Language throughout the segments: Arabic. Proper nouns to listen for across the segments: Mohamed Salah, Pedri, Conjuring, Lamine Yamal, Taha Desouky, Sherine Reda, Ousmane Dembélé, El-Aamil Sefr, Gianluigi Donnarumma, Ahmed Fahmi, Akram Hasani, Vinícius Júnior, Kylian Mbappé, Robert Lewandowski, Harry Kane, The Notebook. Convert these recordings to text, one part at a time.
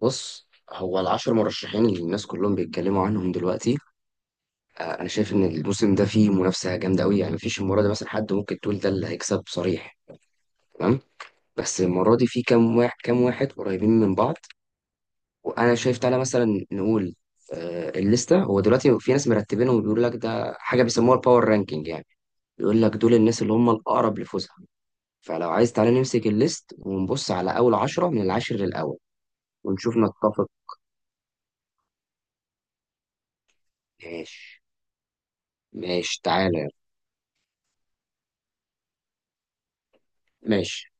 بص، هو العشر مرشحين اللي الناس كلهم بيتكلموا عنهم دلوقتي. انا شايف ان الموسم ده فيه منافسه جامده قوي، يعني مفيش المره دي مثلا حد ممكن تقول ده اللي هيكسب صريح. تمام. بس المره دي في كام واحد كام واحد قريبين من بعض. وانا شايف تعالى مثلا نقول الليسته. هو دلوقتي في ناس مرتبينهم وبيقول لك ده حاجه بيسموها الباور رانكينج، يعني بيقول لك دول الناس اللي هم الاقرب لفوزها. فلو عايز تعالى نمسك الليست ونبص على اول عشرة من العاشر للاول ونشوف نتفق. ماشي. ماشي تعالى. ماشي.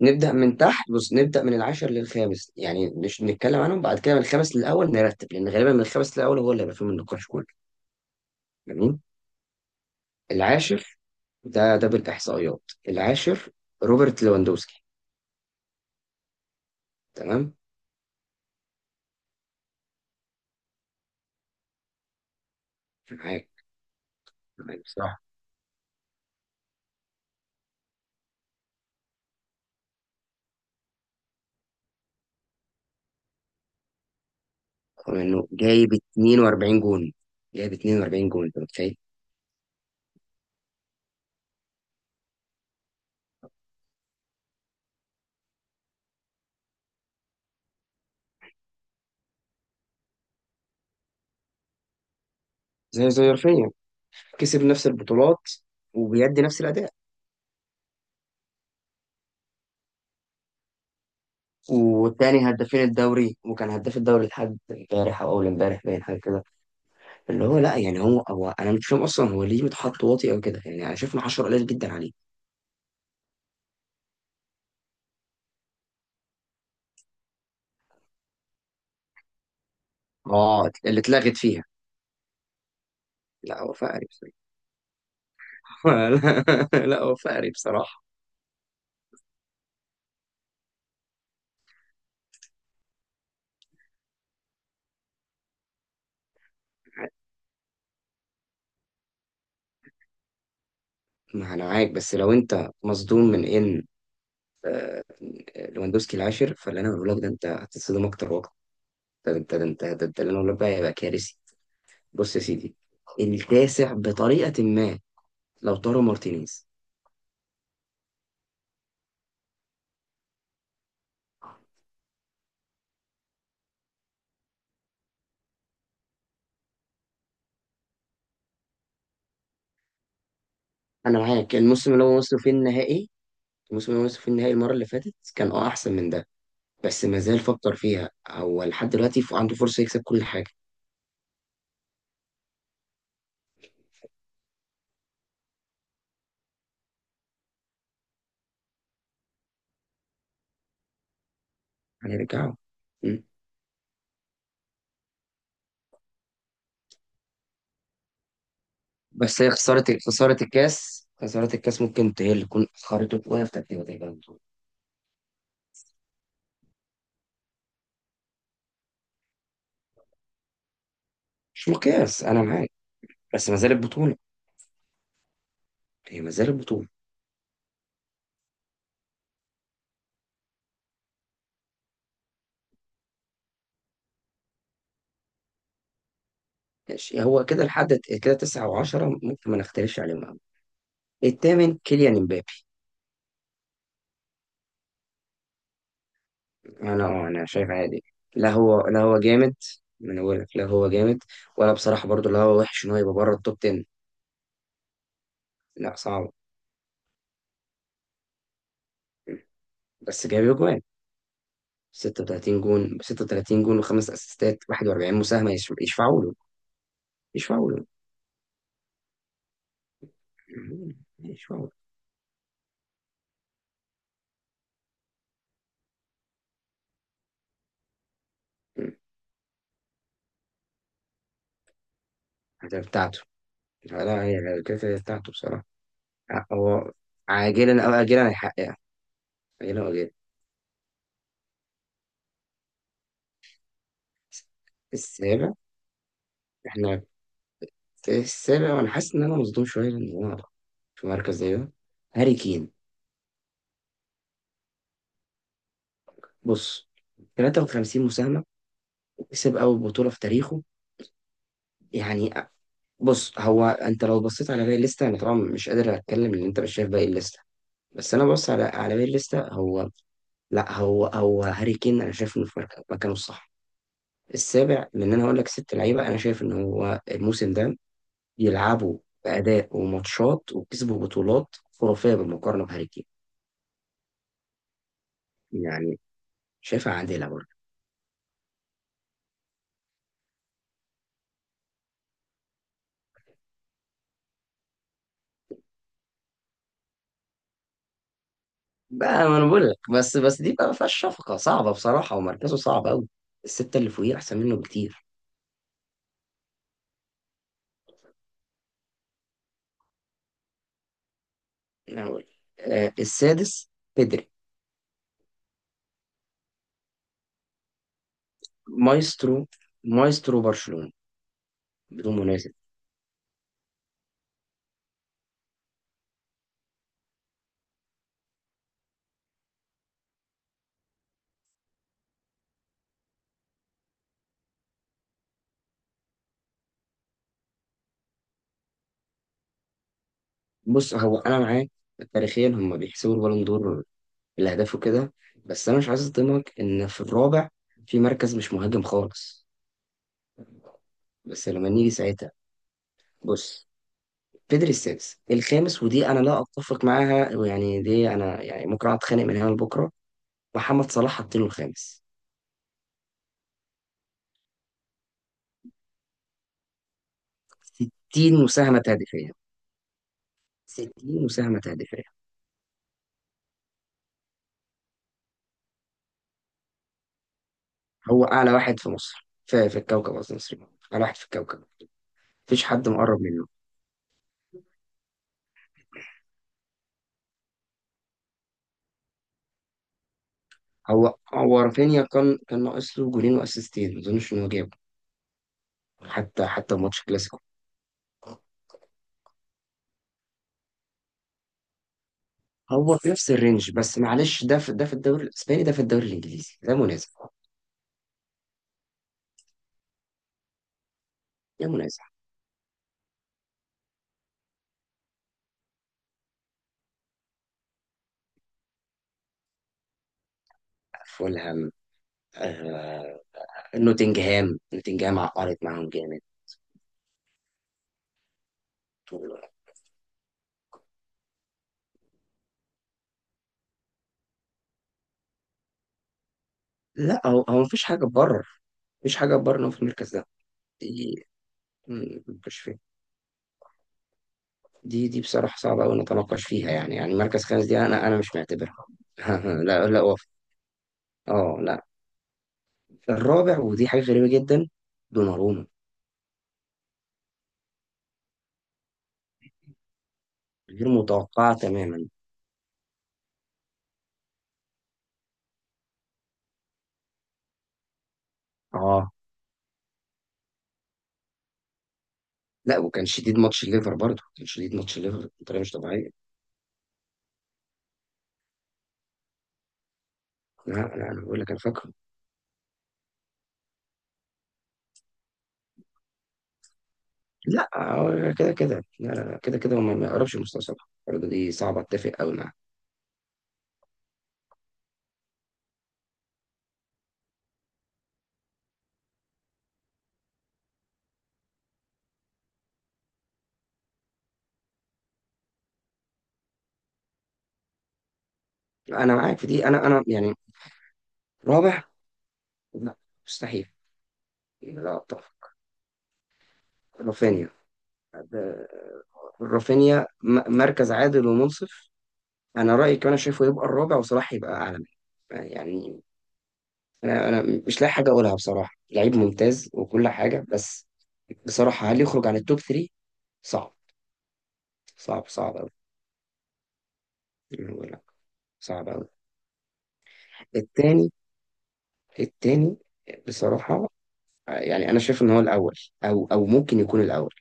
نبدأ من تحت، بص نبدأ من العاشر للخامس، يعني مش نتكلم عنهم. بعد كده من الخامس للأول نرتب، لأن غالبا من الخامس للأول هو اللي هيبقى فيه من النقاش كله. جميل. العاشر، ده ده بالإحصائيات. العاشر، روبرت ليفاندوسكي. تمام. معاك. معاك بصراحة. رغم إنه جايب 42 جون. جايب 42 جون، أنت متخيل؟ زي رفيع، كسب نفس البطولات وبيدي نفس الأداء، والتاني هدافين الدوري، وكان هداف الدوري لحد امبارح أو أول امبارح، باين حاجة كده. اللي هو لا، يعني هو انا مش فاهم اصلا هو ليه متحط واطي او كده. يعني انا شايف ان 10 قليل جدا عليه. اه، اللي اتلغت فيها. لا هو فقري بصراحه. لا لا، هو فقري بصراحه. ما انا معاك، بس لو انت مصدوم من ان لواندوسكي العاشر، فاللي انا بقوله لك ده انت هتتصدم اكتر واكتر. ده انت اللي انا بقوله لك بقى هيبقى كارثي. بص يا سيدي، التاسع بطريقه ما لو طارو مارتينيز. انا معاك. الموسم اللي هو وصلوا فيه النهائي المره اللي فاتت كان اه احسن من ده. بس ما زال فكر فيها هو لحد دلوقتي، عنده فرصة يكسب كل حاجة. هنرجعه. مم. بس هي خسارة الكاس ممكن هي اللي تكون أخرته شوية في ترتيب تقريبا البطولة. مش مقياس، أنا معاك، بس ما زالت بطولة. هي ما زالت بطولة. ماشي. هو كده لحد كده، تسعة وعشرة ممكن ما نختلفش عليهم أوي. التامن كيليان امبابي. أنا شايف عادي. لا هو، لا هو جامد. ما أنا بقول لك لا هو جامد. ولا بصراحة برضو لا هو وحش إن هو يبقى بره التوب 10. لا صعب. بس جاب أجوان، 36 جون. 36 جون وخمس اسيستات، 41 مساهمه، يشفعوا له. يشفعوا له. يشفعوا له. الأهداف بتاعته. لا، هي الأهداف بتاعته بصراحه. هو عاجلا او اجلا هيحققها. عاجلا او اجلا. السابع. احنا في السابع وانا حاسس ان انا مصدوم شويه لان هو في مركز زي ده. هاري كين. بص، 53 مساهمة وكسب أول بطولة في تاريخه، يعني. بص، هو أنت لو بصيت على باقي الليستة، أنا طبعا مش قادر أتكلم لأن أنت مش شايف باقي الليستة. بس انا بص على على باقي الليسته. هو لا، هو هو هاري كين، انا شايف انه في مكانه الصح السابع، لان انا هقول لك ست لعيبه انا شايف ان هو الموسم ده يلعبوا باداء وماتشات وكسبوا بطولات خرافيه بالمقارنه بهاري كين. يعني شايفها عادله برضه. بقى ما انا بقول لك، بس دي بقى ما فيهاش شفقه، صعبه بصراحه ومركزه صعب قوي. السته اللي فوقيه احسن منه بكتير. انا بقول لك. السادس، بيدري. مايسترو. مايسترو برشلونه. بدون منافس. بص، هو انا معاك، تاريخيا هم بيحسبوا البالون دور الاهداف وكده. بس انا مش عايز اصدمك ان في الرابع في مركز مش مهاجم خالص. بس لما نيجي ساعتها. بص، بيدري السادس. الخامس ودي انا لا اتفق معاها، ويعني دي انا يعني ممكن اقعد اتخانق من هنا لبكره. محمد صلاح حاطينه الخامس. 60 مساهمه تهديفيه. 60 مساهمه تهديفيه. هو اعلى واحد في مصر، في الكوكب، قصدي مصري. اعلى واحد في الكوكب، مفيش حد مقرب منه. هو رافينيا كان ناقص له جولين واسيستين، ما اظنش ان هو جابه. حتى ماتش كلاسيكو. هو في نفس الرينج، بس معلش، ده في ده في الدوري الاسباني، ده في الدوري الانجليزي، ده منازع. ده منازع. فولهام. آه. نوتنجهام، نوتنجهام عقرت معاهم جامد. طول الوقت. لا هو، هو مفيش حاجه تبرر. مفيش حاجه تبرر إن هو في المركز ده. دي مش فيه. دي بصراحه صعبه قوي نتناقش فيها، يعني مركز خامس دي انا مش معتبرها. لا لا وف. اه لا، الرابع، ودي حاجة غريبة جدا. دوناروما. غير متوقعة تماما. اه لا، وكان شديد ماتش الليفر برضه، كان شديد ماتش الليفر بطريقة مش طبيعية. لا لا، انا بقول لك انا فاكره. لا هو كده كده، لا لا لا، كده كده هو ما يقربش المستوى صلاح برضه، دي صعبة، اتفق قوي معاك. انا معاك في دي، انا يعني رابع، لا، مستحيل. لا، اتفق. رافينيا. ده- رافينيا مركز عادل ومنصف. انا رأيي كمان شايفه يبقى الرابع وصلاح يبقى اعلى منه، يعني. انا مش لاقي حاجه اقولها بصراحه، لعيب ممتاز وكل حاجه، بس بصراحه هل يخرج عن التوب 3؟ صعب. صعب. صعب قوي. صعب قوي. التاني. التاني بصراحه، يعني انا شايف ان هو الاول، او ممكن يكون الاول.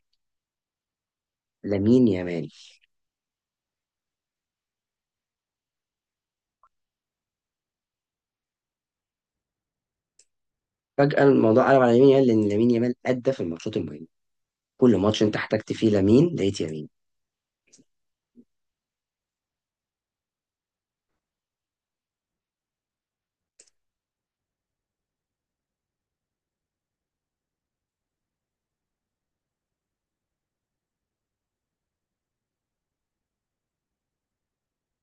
لامين يامال. فجاه الموضوع قلب على لامين يامال، لان لامين يامال ادى في الماتشات المهمه. كل ماتش انت احتجت فيه لامين لقيت يامين.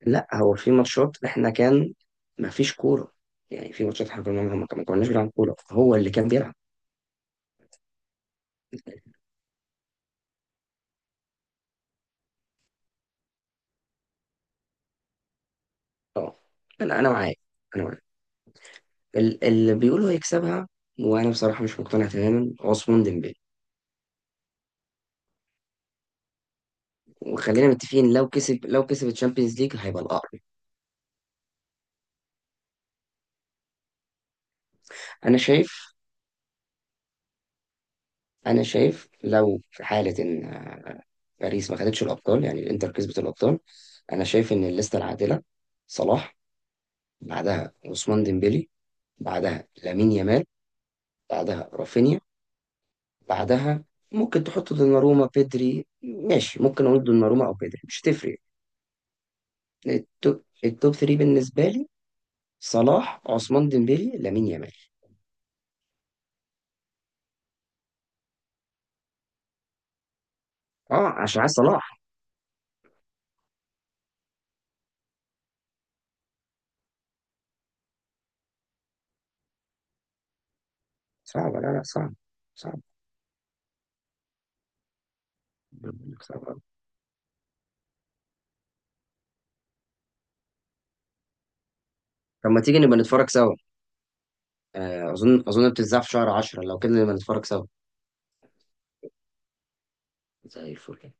لا، هو في ماتشات احنا كان ما فيش كوره، يعني في ماتشات احنا كنا ما كناش بنلعب كوره، هو اللي كان بيلعب. اه، انا معاك. انا معاك. اللي بيقولوا هيكسبها وانا بصراحه مش مقتنع تماما عثمان ديمبلي. وخلينا متفقين، لو كسب الشامبيونز ليج هيبقى الاقرب. انا شايف انا شايف لو في حاله ان باريس ما خدتش الابطال، يعني الانتر كسبت الابطال. انا شايف ان الليسته العادله: صلاح، بعدها عثمان ديمبلي، بعدها لامين يامال، بعدها رافينيا، بعدها ممكن تحط دوناروما بيدري، ماشي، ممكن اقول دوناروما او بيدري مش هتفرق. التوب 3 بالنسبة لي: صلاح، عثمان ديمبélé، لامين يامال. اه، عشان عايز صلاح. صعب. لا لا، صعب. صعب. صعب أوي. طب ما تيجي نبقى نتفرج سوا. اظن بتتذاع في شهر 10، لو كده نبقى نتفرج سوا. زي الفل.